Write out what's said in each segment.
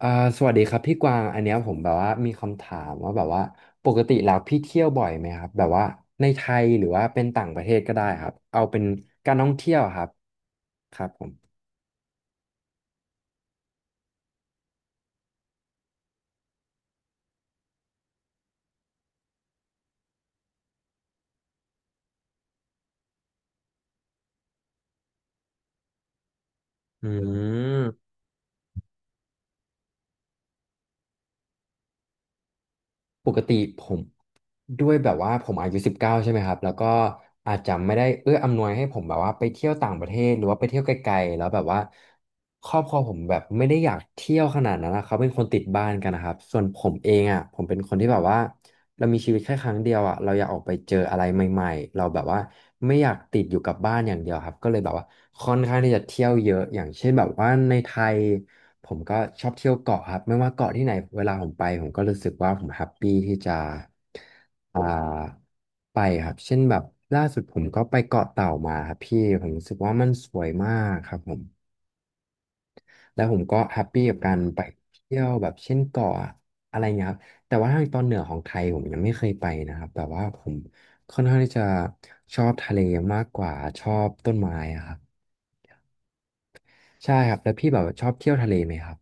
อ่าสวัสดีครับพี่กวางอันเนี้ยผมแบบว่ามีคำถามว่าแบบว่าปกติแล้วพี่เที่ยวบ่อยไหมครับแบบว่าในไทยหรือว่าเป็นต่างประเทศก็ได้ครับเอาเป็นการท่องเที่ยวครับครับผมอืมปกติผมด้วยแบบว่าผมอายุ19ใช่ไหมครับแล้วก็อาจจะไม่ได้เอื้ออำนวยให้ผมแบบว่าไปเที่ยวต่างประเทศหรือว่าไปเที่ยวไกลๆแล้วแบบว่าครอบครัวผมแบบไม่ได้อยากเที่ยวขนาดนั้นนะเขาเป็นคนติดบ้านกันนะครับส่วนผมเองอ่ะผมเป็นคนที่แบบว่า เรามีชีวิตแค่ครั้งเดียวอ่ะเราอยากออกไปเจออะไรใหม่ๆ เราแบบว่าไม่อยากติดอยู่กับบ้านอย่างเดียวครับก็เลยแบบว่าค่อนข้างที่จะเที่ยวเยอะอย่างเช่นแบบว่าในไทยผมก็ชอบเที่ยวเกาะครับไม่ว่าเกาะที่ไหนเวลาผมไปผมก็รู้สึกว่าผมแฮปปี้ที่จะอ่าไปครับเช่นแบบล่าสุดผมก็ไปเกาะเต่ามาครับพี่ผมรู้สึกว่ามันสวยมากครับผม แล้วผมก็แฮปปี้กับการไปเที่ยวแบบเช่นเกาะอะไรเงี้ยครับแต่ว่าทางตอนเหนือของไทยผมยังไม่เคยไปนะครับแต่ว่าผมค่อนข้างที่จะชอบทะเลมากกว่าชอบต้นไม้อะครับใช่ครับแล้วพี่แบบชอบเที่ยวทะเลไหมครับ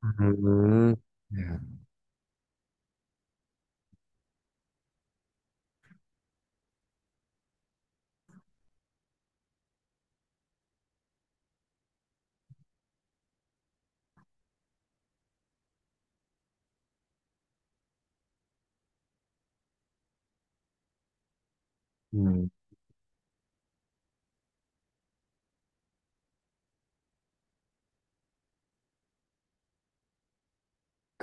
อืมนะครับอืม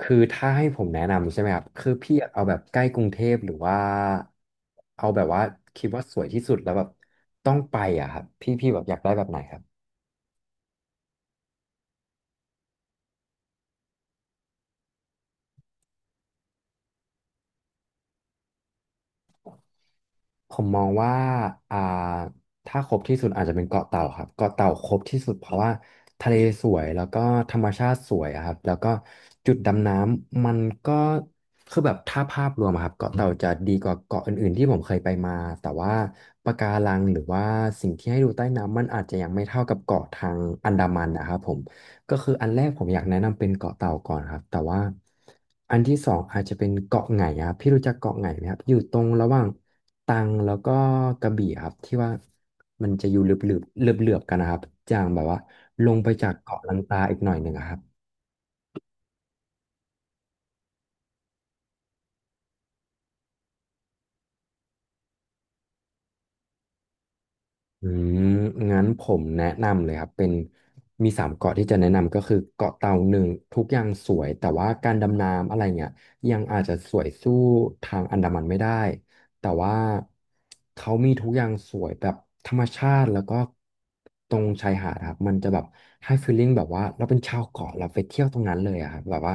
คือถ้าให้ผมแนะนำใช่ไหมครับคือพี่อยากเอาแบบใกล้กรุงเทพหรือว่าเอาแบบว่าคิดว่าสวยที่สุดแล้วแบบต้องไปอ่ะครับพี่พี่แบบอยากได้แบบไหนครับ ผมมองว่าอ่า ถ้าครบที่สุดอาจจะเป็นเกาะเต่าครับเกาะเต่าครบที่สุดเพราะว่าทะเลสวยแล้วก็ธรรมชาติสวยอะครับแล้วก็จุดดำน้ำมันก็คือแบบถ้าภาพรวมอะครับเกาะเต่าจะดีกว่าเกาะอื่นๆที่ผมเคยไปมาแต่ว่าปะการังหรือว่าสิ่งที่ให้ดูใต้น้ำมันอาจจะยังไม่เท่ากับเกาะทางอันดามันนะครับผม ก็คืออันแรกผมอยากแนะนำเป็นเกาะเต่าก่อนครับแต่ว่าอันที่สองอาจจะเป็นเกาะไหงครับพี่รู้จักเกาะไหงไหมครับอยู่ตรงระหว่าง ตรังแล้วก็กระบี่ครับที่ว่ามันจะอยู่เหลือบๆเหลือบๆกันนะครับอย่างแบบว่าลงไปจากเกาะลันตาอีกหน่อยหนึ่งอะครับ อืมงั้นผมแนะนำเลยครับเป็นมีสามเกาะที่จะแนะนำก็คือเกาะเต่าหนึ่งทุกอย่างสวยแต่ว่าการดำน้ำอะไรเงี้ยยังอาจจะสวยสู้ทางอันดามันไม่ได้แต่ว่าเขามีทุกอย่างสวยแบบธรรมชาติแล้วก็ตรงชายหาดครับมันจะแบบให้ฟีลลิ่งแบบว่าเราเป็นชาวเกาะเราไปเที่ยวตรงนั้นเลยอะครับแบบว่า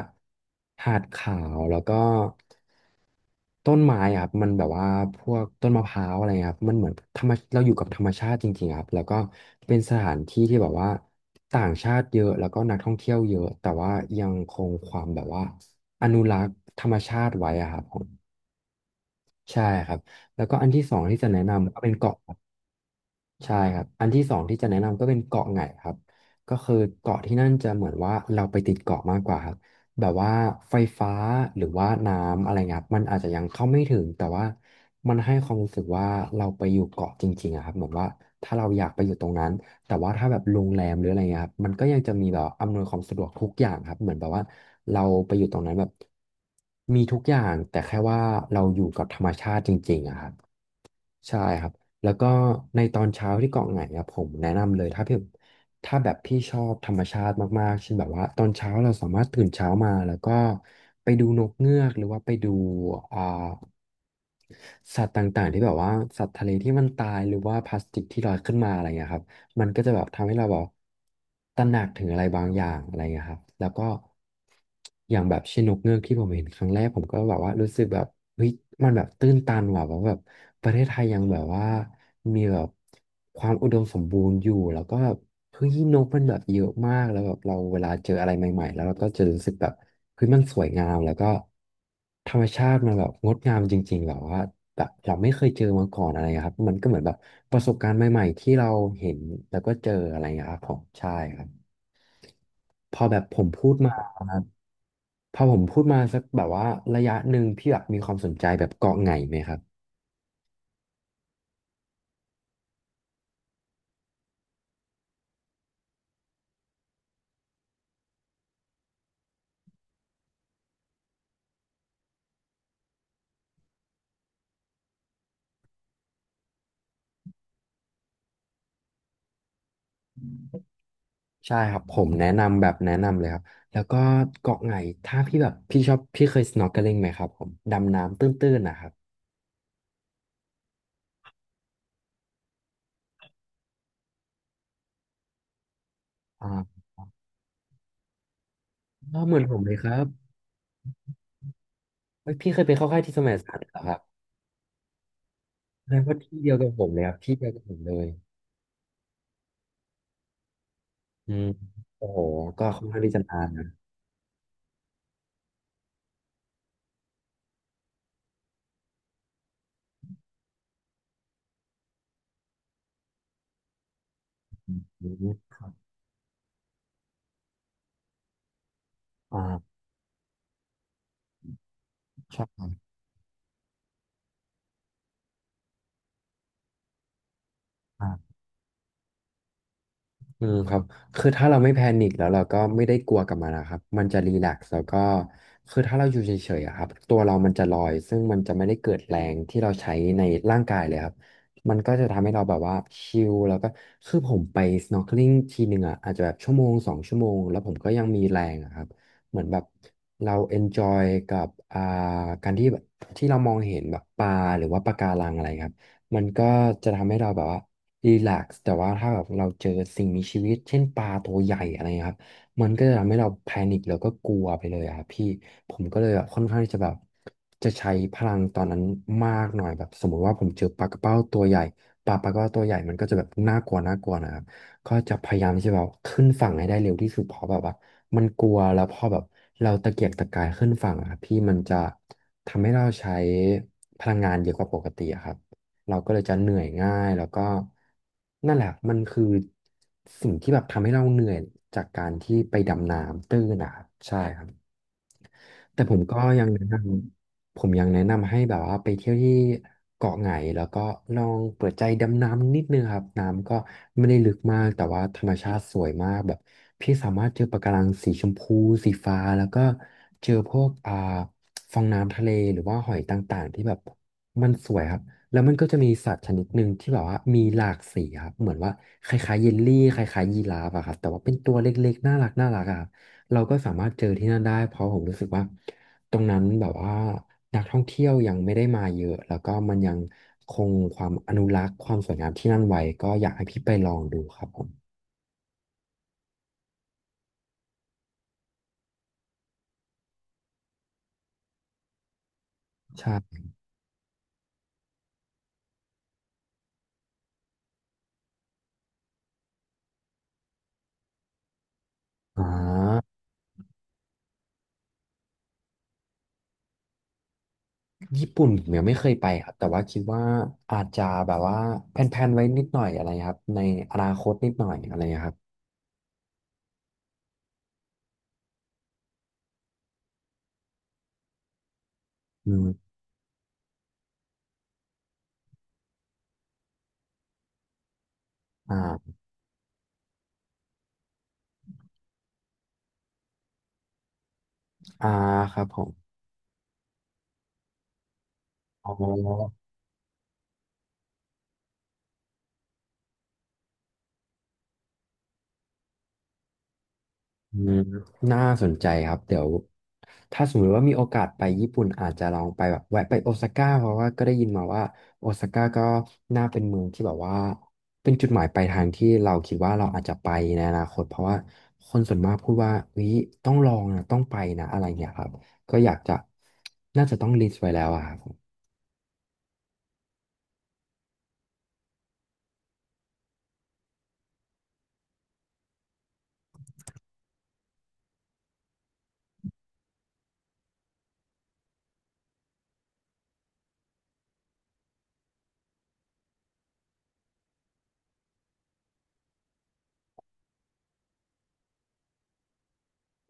หาดขาวแล้วก็ ต้นไม้อะครับมันแบบว่าพวกต้นมะพร้าวอะไรเงี้ยครับมันเหมือนธรรมเราอยู่กับธรรมชาติจริงๆครับแล้วก็เป็นสถานที่ที่แบบว่าต่างชาติเยอะแล้วก็นักท่องเที่ยวเยอะแต่ว่ายังคงความแบบว่าอนุรักษ์ธรรมชาติไว้อะครับผมใช่ครับแล้วก็อันที่สองที่จะแนะนำก็เป็นเกาะ ใช่ครับ อันที่สองที่จะแนะนำก็เป็นเกาะไหงครับก็คือเกาะที่นั่นจะเหมือนว่าเราไปติดเกาะมากกว่าครับแบบว่าไฟฟ้าหรือว่าน้ำอะไรเงี้ยครับมันอาจจะยังเข้าไม่ถึงแต่ว่ามันให้ความรู้สึกว่าเราไปอยู่เกาะจริงๆอะครับเหมือนว่าถ้าเราอยากไปอยู่ตรงนั้น แต่ว่าถ้าแบบโรงแรมหรืออะไรเงี้ยครับมันก็ยังจะมีแบบอำนวยความสะดวกทุกอย่างครับเหมือนแบบว่าเราไปอยู่ตรงนั้นแบบมีทุกอย่างแต่แค่ว่าเราอยู่กับธรรมชาติจริงๆอะครับ ใช่ครับ แล้วก็ในตอนเช้าที่เกาะไหงครับผมแนะนำเลยถ้าพี่ถ้าแบบพี่ชอบธรรมชาติมากๆเช่นแบบว่าตอนเช้าเราสามารถตื่นเช้ามาแล้วก็ไปดูนกเงือกหรือว่าไปดูอ่าสัตว์ต่างๆที่แบบว่าสัตว์ทะเลที่มันตายหรือว่าพลาสติกที่ลอยขึ้นมาอะไรอย่างเงี้ยครับ มันก็จะแบบทำให้เราแบบตระหนักถึงอะไรบางอย่างอะไรเงี้ยครับแล้วก็อย่างแบบเช่นนกเงือกที่ผมเห็นครั้งแรกผมก็แบบว่ารู้สึกแบบเฮ้ยมันแบบตื้นตันว่ะแบบว่าแบบประเทศไทยยังแบบว่ามีแบบความอุดมสมบูรณ์อยู่แล้วก็แบบ เฮ้ยนกมันแบบเยอะมากแล้วแบบเราเวลาเจออะไรใหม่ๆแล้วเราก็จะรู้สึกแบบเฮ้ยมันสวยงามแล้วก็ธรรมชาติมันแบบงดงามจริงๆแบบว่าแบบเราไม่เคยเจอมาก่อนอะไรครับมันก็เหมือนแบบประสบการณ์ใหม่ๆที่เราเห็นแล้วก็เจออะไรอย่างเงี้ยครับผมใช่ครับพอแบบผมพูดมาพอผมพูดมาสักแบบว่าระยะหนึ่งพี่แบบมีความสนใจแบบเกาะไหงไหมครับ ใช่ครับผมแนะนำแบบแนะนำเลยครับแล้วก็เกาะไหนถ้าพี่แบบพี่ชอบพี่เคย snorkeling ไหมครับผมดำน้ำตื้นๆนะครับอ่าก็เหมือนผมเลยครับเฮ้ยพี่เคยไปเข้าค่ายที่สมยสารเหรอครับแสดงว่าที่เดียวกับผมเลยครับที่เดียวกับผมเลยอืมโอ้โหก็ค่อนข้างที่จะนานนะอืมอ่าใช่ อืมครับคือถ้าเราไม่แพนิคแล้วเราก็ไม่ได้กลัวกับมันนะครับมันจะรีแลกซ์แล้วก็คือถ้าเราอยู่เฉยๆอะครับตัวเรามันจะลอยซึ่งมันจะไม่ได้เกิดแรงที่เราใช้ในร่างกายเลยครับมันก็จะทำให้เราแบบว่าชิลแล้วก็คือผมไป snorkeling ทีหนึ่งอ่ะอาจจะแบบชั่วโมงสองชั่วโมงแล้วผมก็ยังมีแรงอะครับเหมือนแบบเรา enjoy กับการที่แบบที่เรามองเห็นแบบปลาหรือว่าปะการังอะไรครับ มันก็จะทำให้เราแบบว่ารีแลกซ์แต่ว่าถ้าแบบเราเจอสิ่งมีชีวิตเช่นปลาตัวใหญ่อะไรเงี้ยครับมันก็จะทำให้เราแพนิคแล้วก็กลัวไปเลยอะครับพี่ผมก็เลยแบบค่อนข้างที่จะแบบจะใช้พลังตอนนั้นมากหน่อยแบบสมมุติว่าผมเจอปลากระเป้าตัวใหญ่ปลากระเป้าตัวใหญ่มันก็จะแบบน่ากลัวน่ากลัวนะครับ ก็จะพยายามที่จะแบบขึ้นฝั่งให้ได้เร็วที่สุดเพราะแบบว่ามันกลัวแล้วพอแบบเราตะเกียกตะกายขึ้นฝั่งอะครับพี่มันจะทำให้เราใช้พลังงานเยอะกว่าปกติอะครับ เราก็เลยจะเหนื่อยง่ายแล้วก็นั่นแหละมันคือสิ่งที่แบบทำให้เราเหนื่อยจากการที่ไปดำน้ำตื้นนะครับใช่ครับ แต่ผมก็ยังแนะนำผมยังแนะนำให้แบบว่าไปเที่ยวที่เกาะไหงแล้วก็ลองเปิดใจดำน้ำนิดนึงครับน้ำก็ไม่ได้ลึกมากแต่ว่าธรรมชาติสวยมากแบบพี่สามารถเจอปะการังสีชมพูสีฟ้าแล้วก็เจอพวกฟองน้ำทะเลหรือว่าหอยต่างๆที่แบบมันสวยครับแล้วมันก็จะมีสัตว์ชนิดหนึ่งที่แบบว่ามีหลากสีครับเหมือนว่าคล้ายๆเยลลี่คล้ายๆยีราฟอะครับแต่ว่าเป็นตัวเล็กๆน่ารักน่ารักอะ เราก็สามารถเจอที่นั่นได้เพราะผมรู้สึกว่าตรงนั้นแบบว่านักท่องเที่ยวยังไม่ได้มาเยอะแล้วก็มันยังคงความอนุรักษ์ความสวยงามที่นั่นไว้ก็อยากให้พี่ไปลองดูครับผมใช่อ่าญี่ปุ่นผมยังไม่เคยไปครับแต่ว่าคิดว่าอาจจะแบบว่าแพลนๆไว้นิดหน่อยอะไรครับในอนาคตนิดหน่อยอะไรครับอืมอ่าอ่าครับผมอ๋อ อืมน่าสนใจครับเดี๋ยวถ้าสมมติว่ามีโอกาสไปญี่ปุ่นอาจจะลองไปแบบแวะไปโอซาก้าเพราะว่าก็ได้ยินมาว่าโอซาก้าก็น่าเป็นเมืองที่แบบว่าเป็นจุดหมายปลายทางที่เราคิดว่าเราอาจจะไปในอนาคตเพราะว่าคนส่วนมากพูดว่าวิต้องลองนะต้องไปนะอะไรเงี้ยครับก็อยากจะน่าจะต้องลิสต์ไว้แล้วอะครับ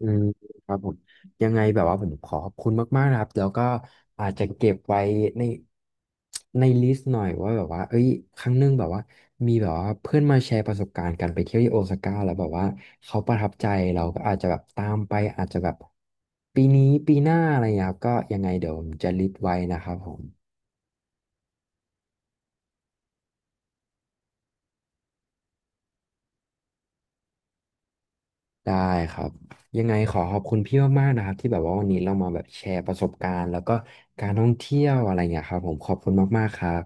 อืมครับผมยังไงแบบว่าผมขอขอบคุณมากๆนะครับแล้วก็อาจจะเก็บไว้ในในลิสต์หน่อยว่าแบบว่าเอ้ยครั้งหนึงแบบว่ามีแบบว่าเพื่อนมาแชร์ประสบการณ์การไปเที่ยวที่โอซาก้าแล้วแบบว่าเขาประทับใจเราก็อาจจะแบบตามไปอาจจะแบบปีนี้ปีหน้าอะไรอย่างเงี้ยครับก็ยังไงเดี๋ยวผมจะลิสต์ไว้นะครับผมได้ครับยังไงขอขอบคุณพี่มากๆนะครับที่แบบว่าวันนี้เรามาแบบแชร์ประสบการณ์แล้วก็การท่องเที่ยวอะไรอย่างเงี้ยครับผมขอบคุณมากๆครับ